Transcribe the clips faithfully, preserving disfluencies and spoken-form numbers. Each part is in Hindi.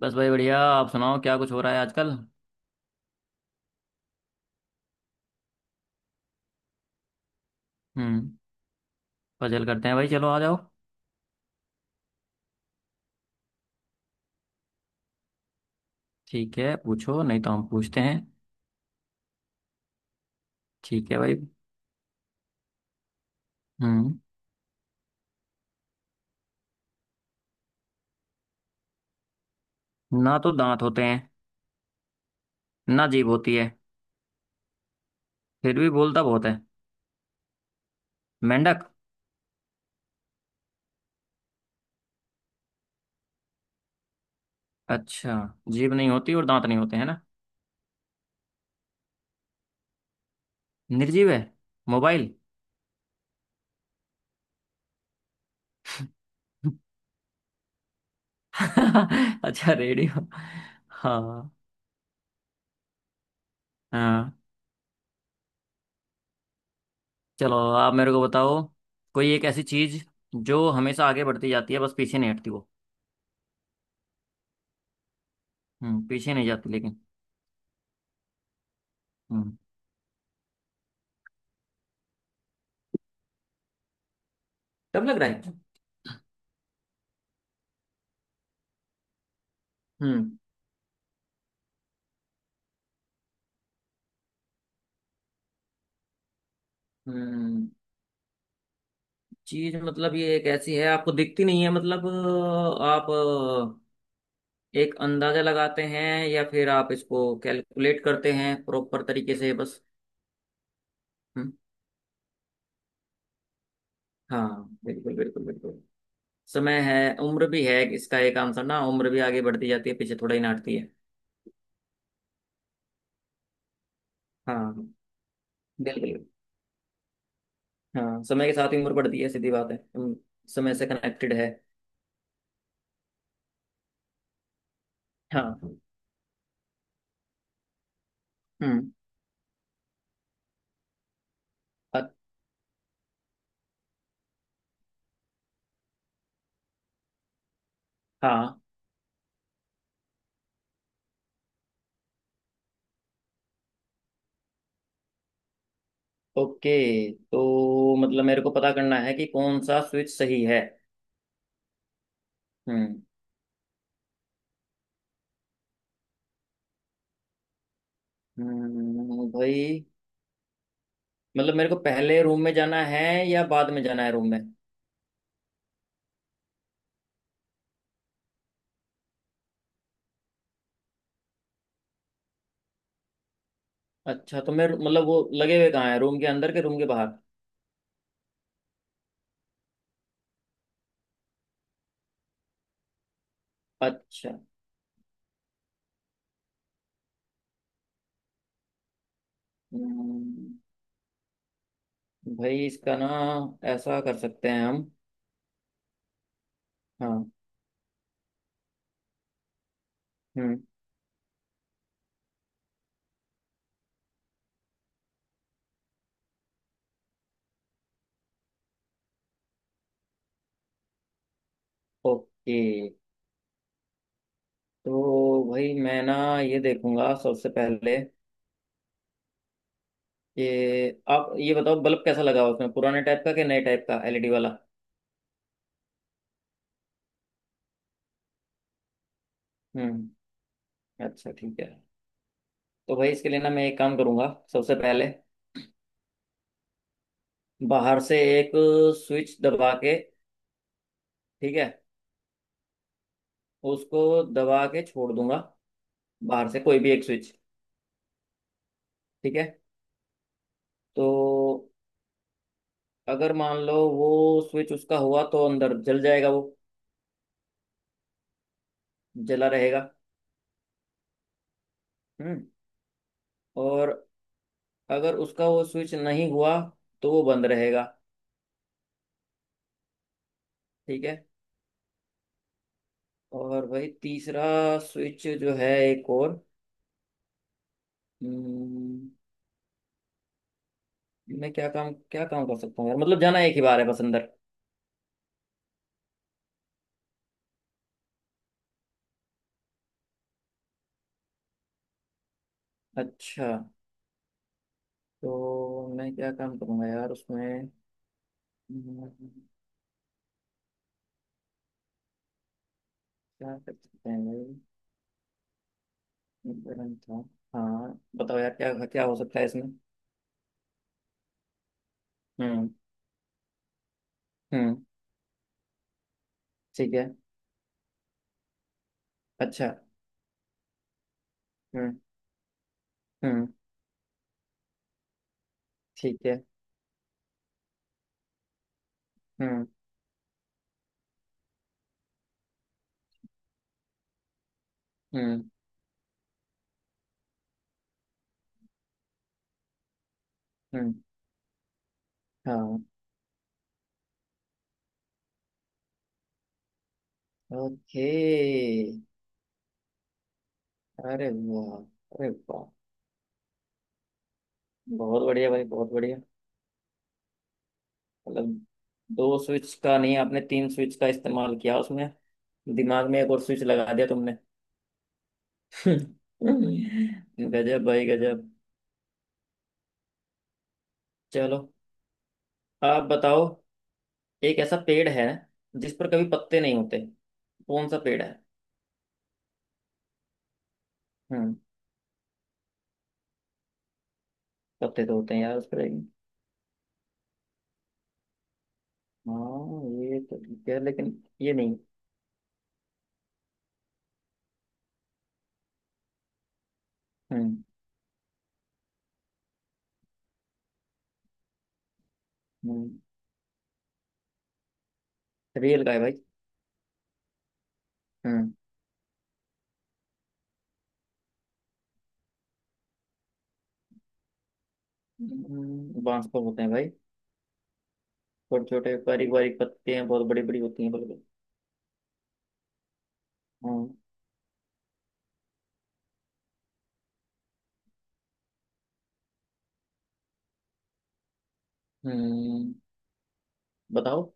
बस भाई बढ़िया। आप सुनाओ क्या कुछ हो रहा है आजकल। हम्म। पजल करते हैं भाई, चलो आ जाओ। ठीक है पूछो, नहीं तो हम पूछते हैं। ठीक है भाई। हम्म। ना तो दांत होते हैं, ना जीभ होती है, फिर भी बोलता बहुत है। मेंढक। अच्छा। जीभ नहीं होती और दांत नहीं होते हैं ना। निर्जीव है। मोबाइल। अच्छा, रेडियो। हाँ। हाँ। चलो, आप मेरे को बताओ। कोई एक ऐसी चीज जो हमेशा आगे बढ़ती जाती है, बस पीछे नहीं हटती वो। हम्म पीछे नहीं जाती लेकिन। हम्म। डर लग रहा है। हम्म। हम्म। चीज मतलब ये एक ऐसी है, आपको दिखती नहीं है, मतलब अ, आप अ, एक अंदाजा लगाते हैं या फिर आप इसको कैलकुलेट करते हैं प्रॉपर तरीके से, बस। हम्म। हाँ बिल्कुल बिल्कुल बिल्कुल। समय है, उम्र भी है, इसका एक आंसर ना उम्र भी आगे बढ़ती जाती है, पीछे थोड़ा ही नाटती है। हाँ बिल्कुल। हाँ, समय के साथ ही उम्र बढ़ती है, सीधी बात है। हम्म, समय से कनेक्टेड है। हाँ। हम्म। अ- हाँ। ओके, तो मतलब मेरे को पता करना है कि कौन सा स्विच सही है। हम्म। हम्म, भाई मतलब मेरे को पहले रूम में जाना है या बाद में जाना है रूम में। अच्छा, तो मैं मतलब वो लगे हुए कहाँ है, रूम के अंदर के रूम के बाहर। अच्छा। हम्म, भाई इसका ना ऐसा कर सकते हैं हम। हाँ। हम्म। ओके, तो भाई मैं ना ये देखूंगा सबसे पहले कि आप ये बताओ बल्ब कैसा लगा हुआ है उसमें, पुराने टाइप का कि नए टाइप का एलईडी वाला। हम्म। अच्छा, ठीक है। तो भाई, इसके लिए ना मैं एक काम करूंगा सबसे पहले, बाहर से एक स्विच दबा के। ठीक है। उसको दबा के छोड़ दूंगा, बाहर से कोई भी एक स्विच। ठीक है। तो अगर मान लो वो स्विच उसका हुआ तो अंदर जल जाएगा वो। जला रहेगा। हम्म। और अगर उसका वो स्विच नहीं हुआ तो वो बंद रहेगा। ठीक है। और भाई, तीसरा स्विच जो है एक और। हम्म, मैं क्या काम क्या काम कर सकता हूँ यार, मतलब जाना एक ही बार है बस अंदर। अच्छा, तो मैं क्या काम करूँगा यार उसमें। हम्म, क्या कर सकते हैं भाई। एक गरम था। हाँ बताओ यार, क्या क्या हो सकता है इसमें। हम्म। हम्म। ठीक है। अच्छा। हम्म। हम्म। ठीक है। हम्म। हम्म। हम्म। हाँ। ओके। अरे वाह, अरे वाह। बहुत बढ़िया भाई, बहुत बढ़िया। मतलब दो स्विच का नहीं, आपने तीन स्विच का इस्तेमाल किया उसमें। दिमाग में एक और स्विच लगा दिया तुमने। हम्म। गजब भाई, गजब। चलो, आप बताओ। एक ऐसा पेड़ है जिस पर कभी पत्ते नहीं होते। कौन सा पेड़ है। हम्म। पत्ते तो होते हैं यार उस पर, लेकिन। हाँ ये तो ठीक है, लेकिन ये नहीं। हम्म। हम्म रेल का है भाई। हम्म। हम्म, बांस पर होते हैं भाई। छोटे छोटे बारीक बारीक पत्ते हैं, बहुत बड़ी बड़ी होती हैं बिल्कुल। हम्म। हम्म। बताओ।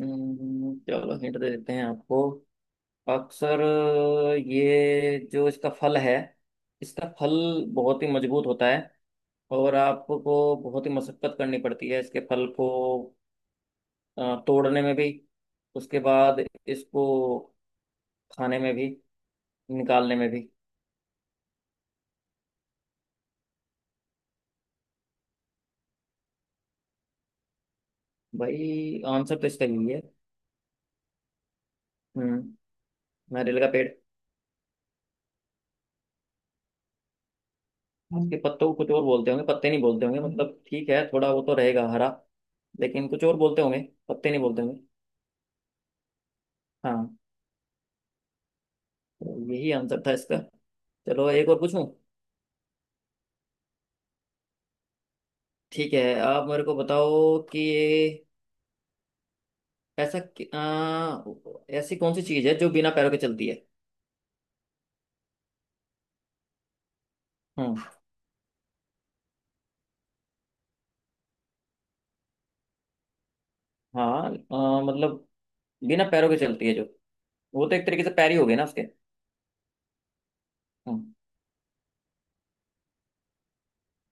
हम्म, चलो हिंट दे देते हैं आपको। अक्सर ये जो इसका फल है, इसका फल बहुत ही मजबूत होता है और आपको बहुत ही मशक्कत करनी पड़ती है इसके फल को अ, तोड़ने में भी, उसके बाद इसको खाने में भी, निकालने में भी। भाई, आंसर तो इसका यही है। हम्म। नारियल का पेड़। इसके पत्तों को कुछ और बोलते होंगे, पत्ते नहीं बोलते होंगे, मतलब ठीक है थोड़ा, वो तो रहेगा हरा लेकिन कुछ और बोलते होंगे, पत्ते नहीं बोलते होंगे। हाँ। तो यही आंसर था इसका। चलो एक और पूछूं। ठीक है, आप मेरे को बताओ कि ये ऐसा कि- आ, ऐसी कौन सी चीज है जो बिना पैरों के चलती है। हम्म। हाँ, आ, मतलब बिना पैरों के चलती है जो वो तो एक तरीके से पैर ही हो गए ना उसके। हम्म।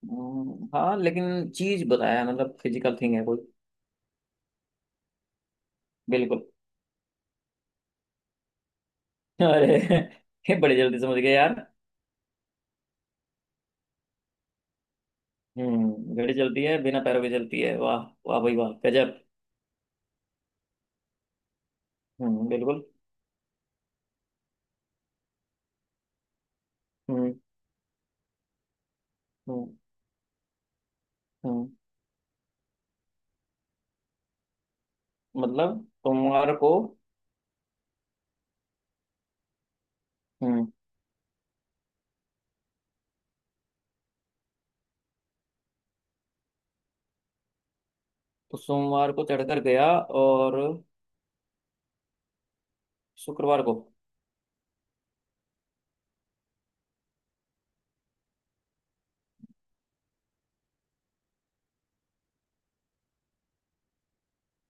हम्म, हाँ लेकिन चीज बताया मतलब फिजिकल थिंग है कोई। बिल्कुल। अरे ये बड़ी जल्दी समझ गए यार। हम्म घड़ी चलती है, बिना पैरों के चलती है। वाह। वाह भाई, वाह गजब। हम्म बिल्कुल। हम्म। हम्म। हम्म। मतलब तुम्हारे को। हम्म, तो सोमवार को चढ़कर गया और शुक्रवार को।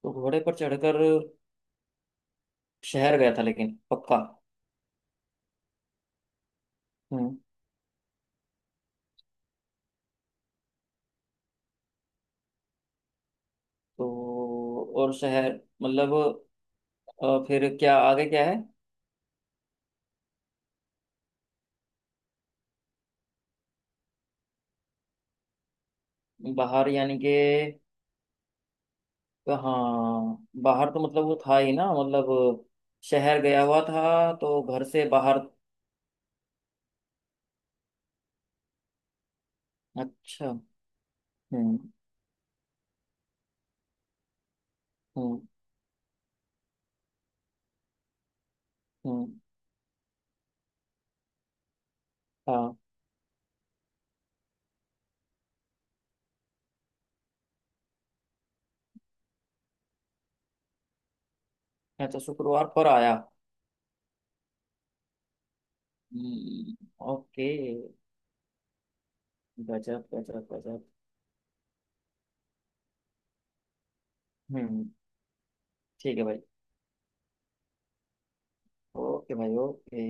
तो घोड़े पर चढ़कर शहर गया था, लेकिन पक्का। हम्म। तो और शहर, मतलब अ, फिर क्या, आगे क्या है। बाहर यानी कि हाँ, बाहर तो मतलब वो था ही ना, मतलब शहर गया हुआ था तो घर से बाहर। अच्छा। हम्म। हम्म। हम्म। हाँ। अच्छा, शुक्रवार पर आया। हम्म, ओके। गजब गजब गजब। हम्म। ठीक है भाई। ओके भाई, ओके।